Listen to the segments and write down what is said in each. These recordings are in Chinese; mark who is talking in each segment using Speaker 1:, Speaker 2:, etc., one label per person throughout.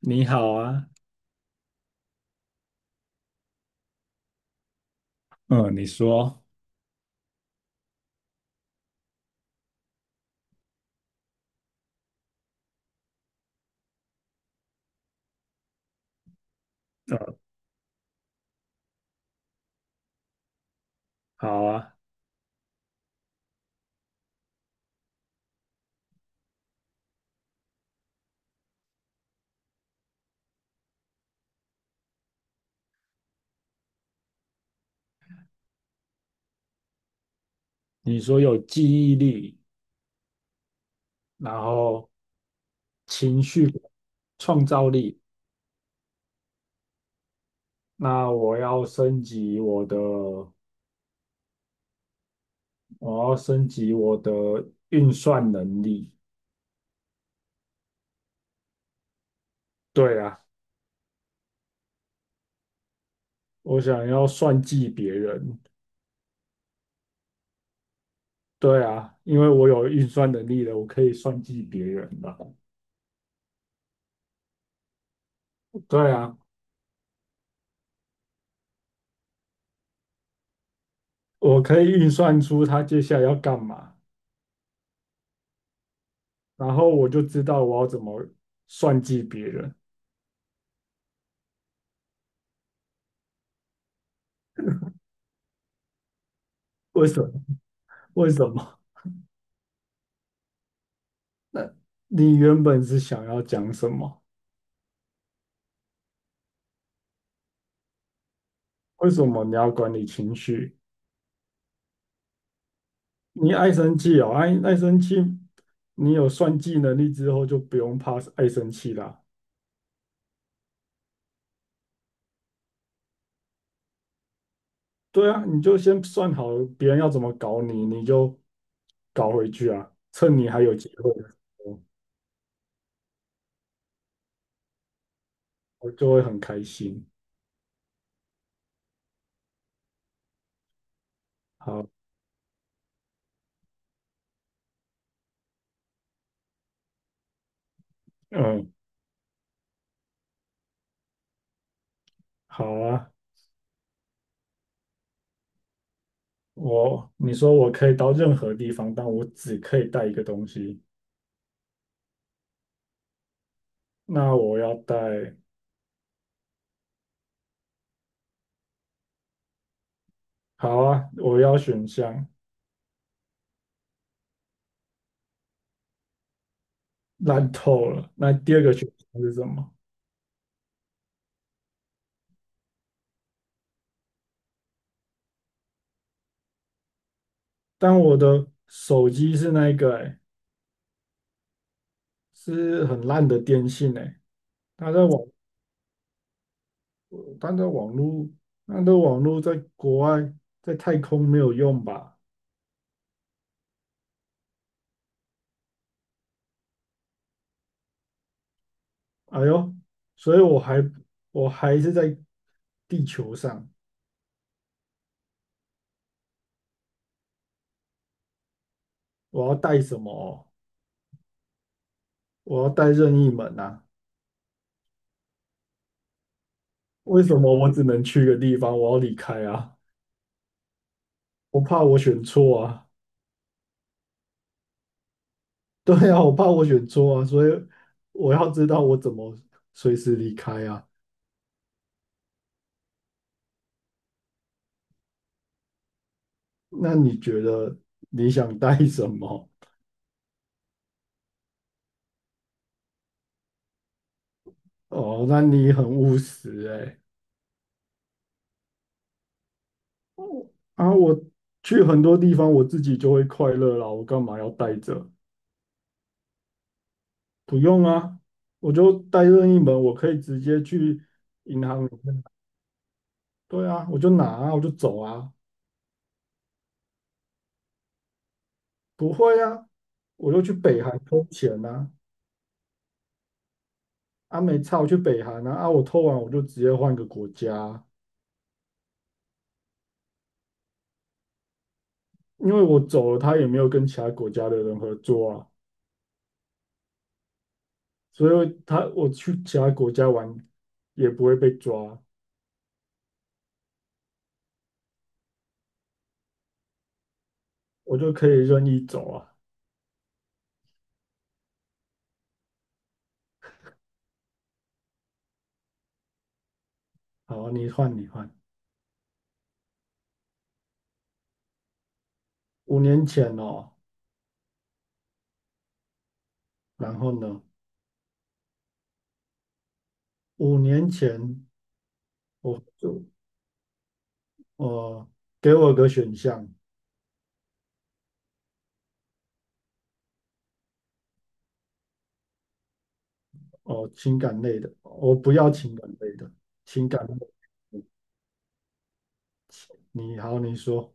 Speaker 1: 你好啊。嗯，你说。嗯，好啊。你说有记忆力，然后情绪、创造力，那我要升级我的运算能力。对啊，我想要算计别人。对啊，因为我有运算能力了，我可以算计别人了。对啊，我可以运算出他接下来要干嘛，然后我就知道我要怎么算计别人。为什么？为什么？那你原本是想要讲什么？为什么你要管理情绪？你爱生气哦，爱生气，你有算计能力之后就不用怕爱生气啦。对啊，你就先算好别人要怎么搞你，你就搞回去啊。趁你还有机会的时候，我就会很开心。好。嗯，好啊。你说我可以到任何地方，但我只可以带一个东西。那我要带，好啊，我要选项。烂透了。那第二个选项是什么？但我的手机是那一个，欸，是很烂的电信，欸，哎，它在网，它在网络，它的网络在国外，在太空没有用吧？哎呦，所以我还是在地球上，我要带什么哦，我要带任意门啊？为什么我只能去一个地方？我要离开啊！我怕我选错啊！对呀，我怕我选错啊，所以我要知道我怎么随时离开啊。那你觉得你想带什么？哦，那你很务实哎。啊，我去很多地方我自己就会快乐啦，我干嘛要带着？不用啊，我就带任意门，我可以直接去银行。对啊，我就拿啊，我就走啊。不会啊，我就去北韩偷钱啊。啊，没差，我去北韩啊。啊，我偷完我就直接换个国家。因为我走了，他也没有跟其他国家的人合作啊，所以他我去其他国家玩也不会被抓，我就可以任意走啊。好，你换，你换。五年前哦，然后呢？五年前我就，呃，给我个选项。哦，情感类的，我不要情感类的。情感类的，你好，你说。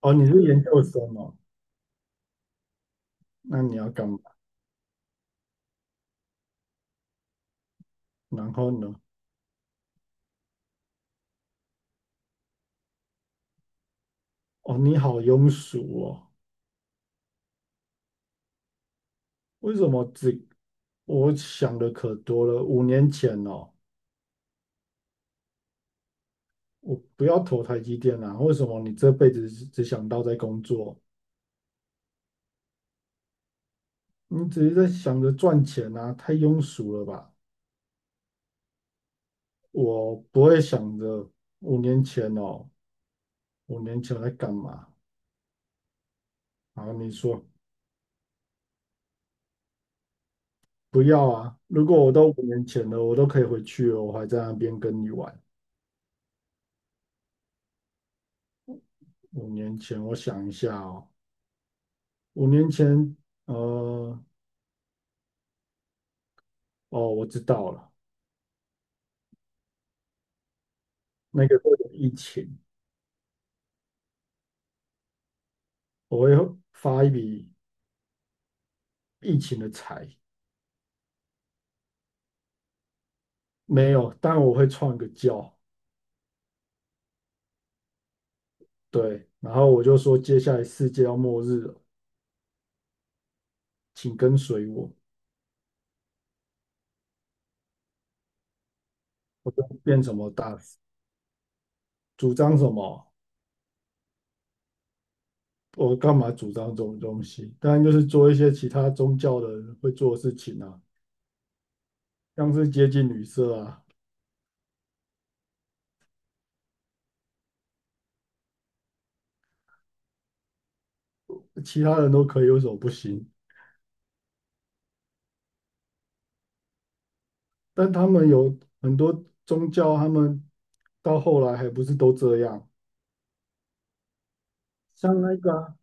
Speaker 1: 哦，你是研究生哦，那你要干嘛？然后呢？哦，你好庸俗哦。为什么我想的可多了？五年前哦，我不要投台积电啊！为什么你这辈子只想到在工作？你只是在想着赚钱啊，太庸俗了吧？我不会想着五年前哦，五年前我在干嘛？然后你说不要啊！如果我都五年前了，我都可以回去了，我还在那边跟你玩。五年前，我想一下哦，五年前，呃，哦，我知道了，那个时候有疫情。我会发一笔疫情的财，没有，但我会创一个教，对，然后我就说接下来世界要末日了，请跟随我，我就变什么大使，主张什么，我干嘛主张这种东西？当然就是做一些其他宗教的人会做的事情啊，像是接近女色啊，其他人都可以，为什么不行？但他们有很多宗教，他们到后来还不是都这样，像那个啊，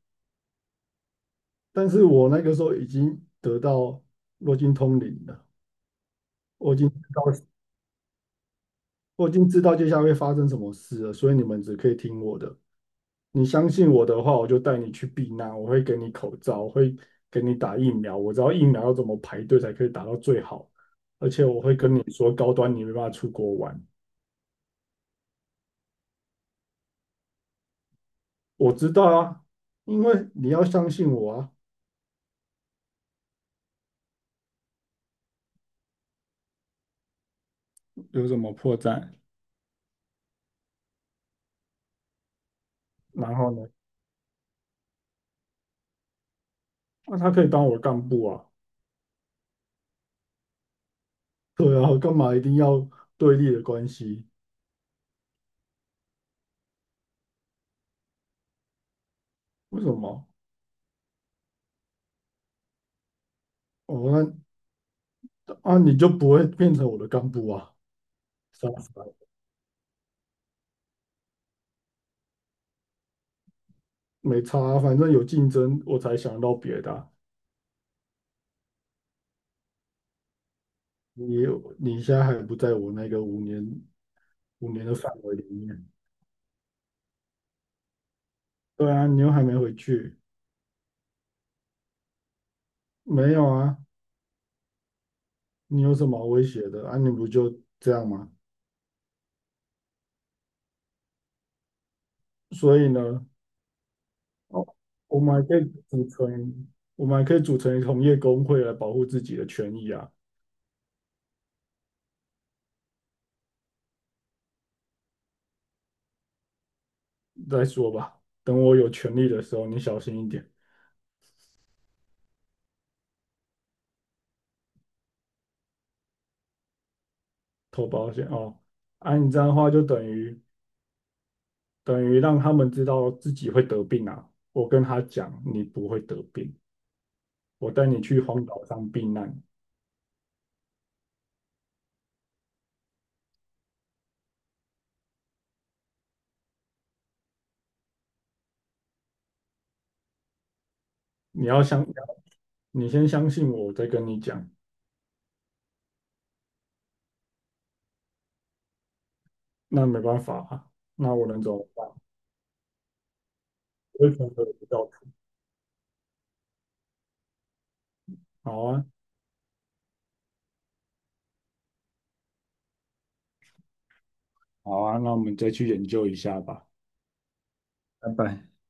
Speaker 1: 但是我那个时候已经得到，我已经通灵了，我已经知道我已经知道接下来会发生什么事了，所以你们只可以听我的。你相信我的话，我就带你去避难，我会给你口罩，我会给你打疫苗，我知道疫苗要怎么排队才可以打到最好，而且我会跟你说高端你没办法出国玩，我知道啊，因为你要相信我啊，有什么破绽？然后呢？那，他可以当我干部啊，对啊，干嘛一定要对立的关系？为什么？哦，那啊，你就不会变成我的干部啊？是，没差啊，反正有竞争，我才想到别的啊。你你现在还不在我那个五年的范围里面。对啊，你又还没回去。没有啊，你有什么好威胁的啊？你不就这样吗？所以呢，哦，我们还可以组成，我们还可以组成同业工会来保护自己的权益啊。再说吧，等我有权利的时候，你小心一点。投保险哦，按你这样的话就等于让他们知道自己会得病啊。我跟他讲，你不会得病，我带你去荒岛上避难，你要相，你先相信我，我再跟你讲。那没办法啊，那我能怎么办？我会从不到好啊，好啊，那我们再去研究一下吧。拜拜。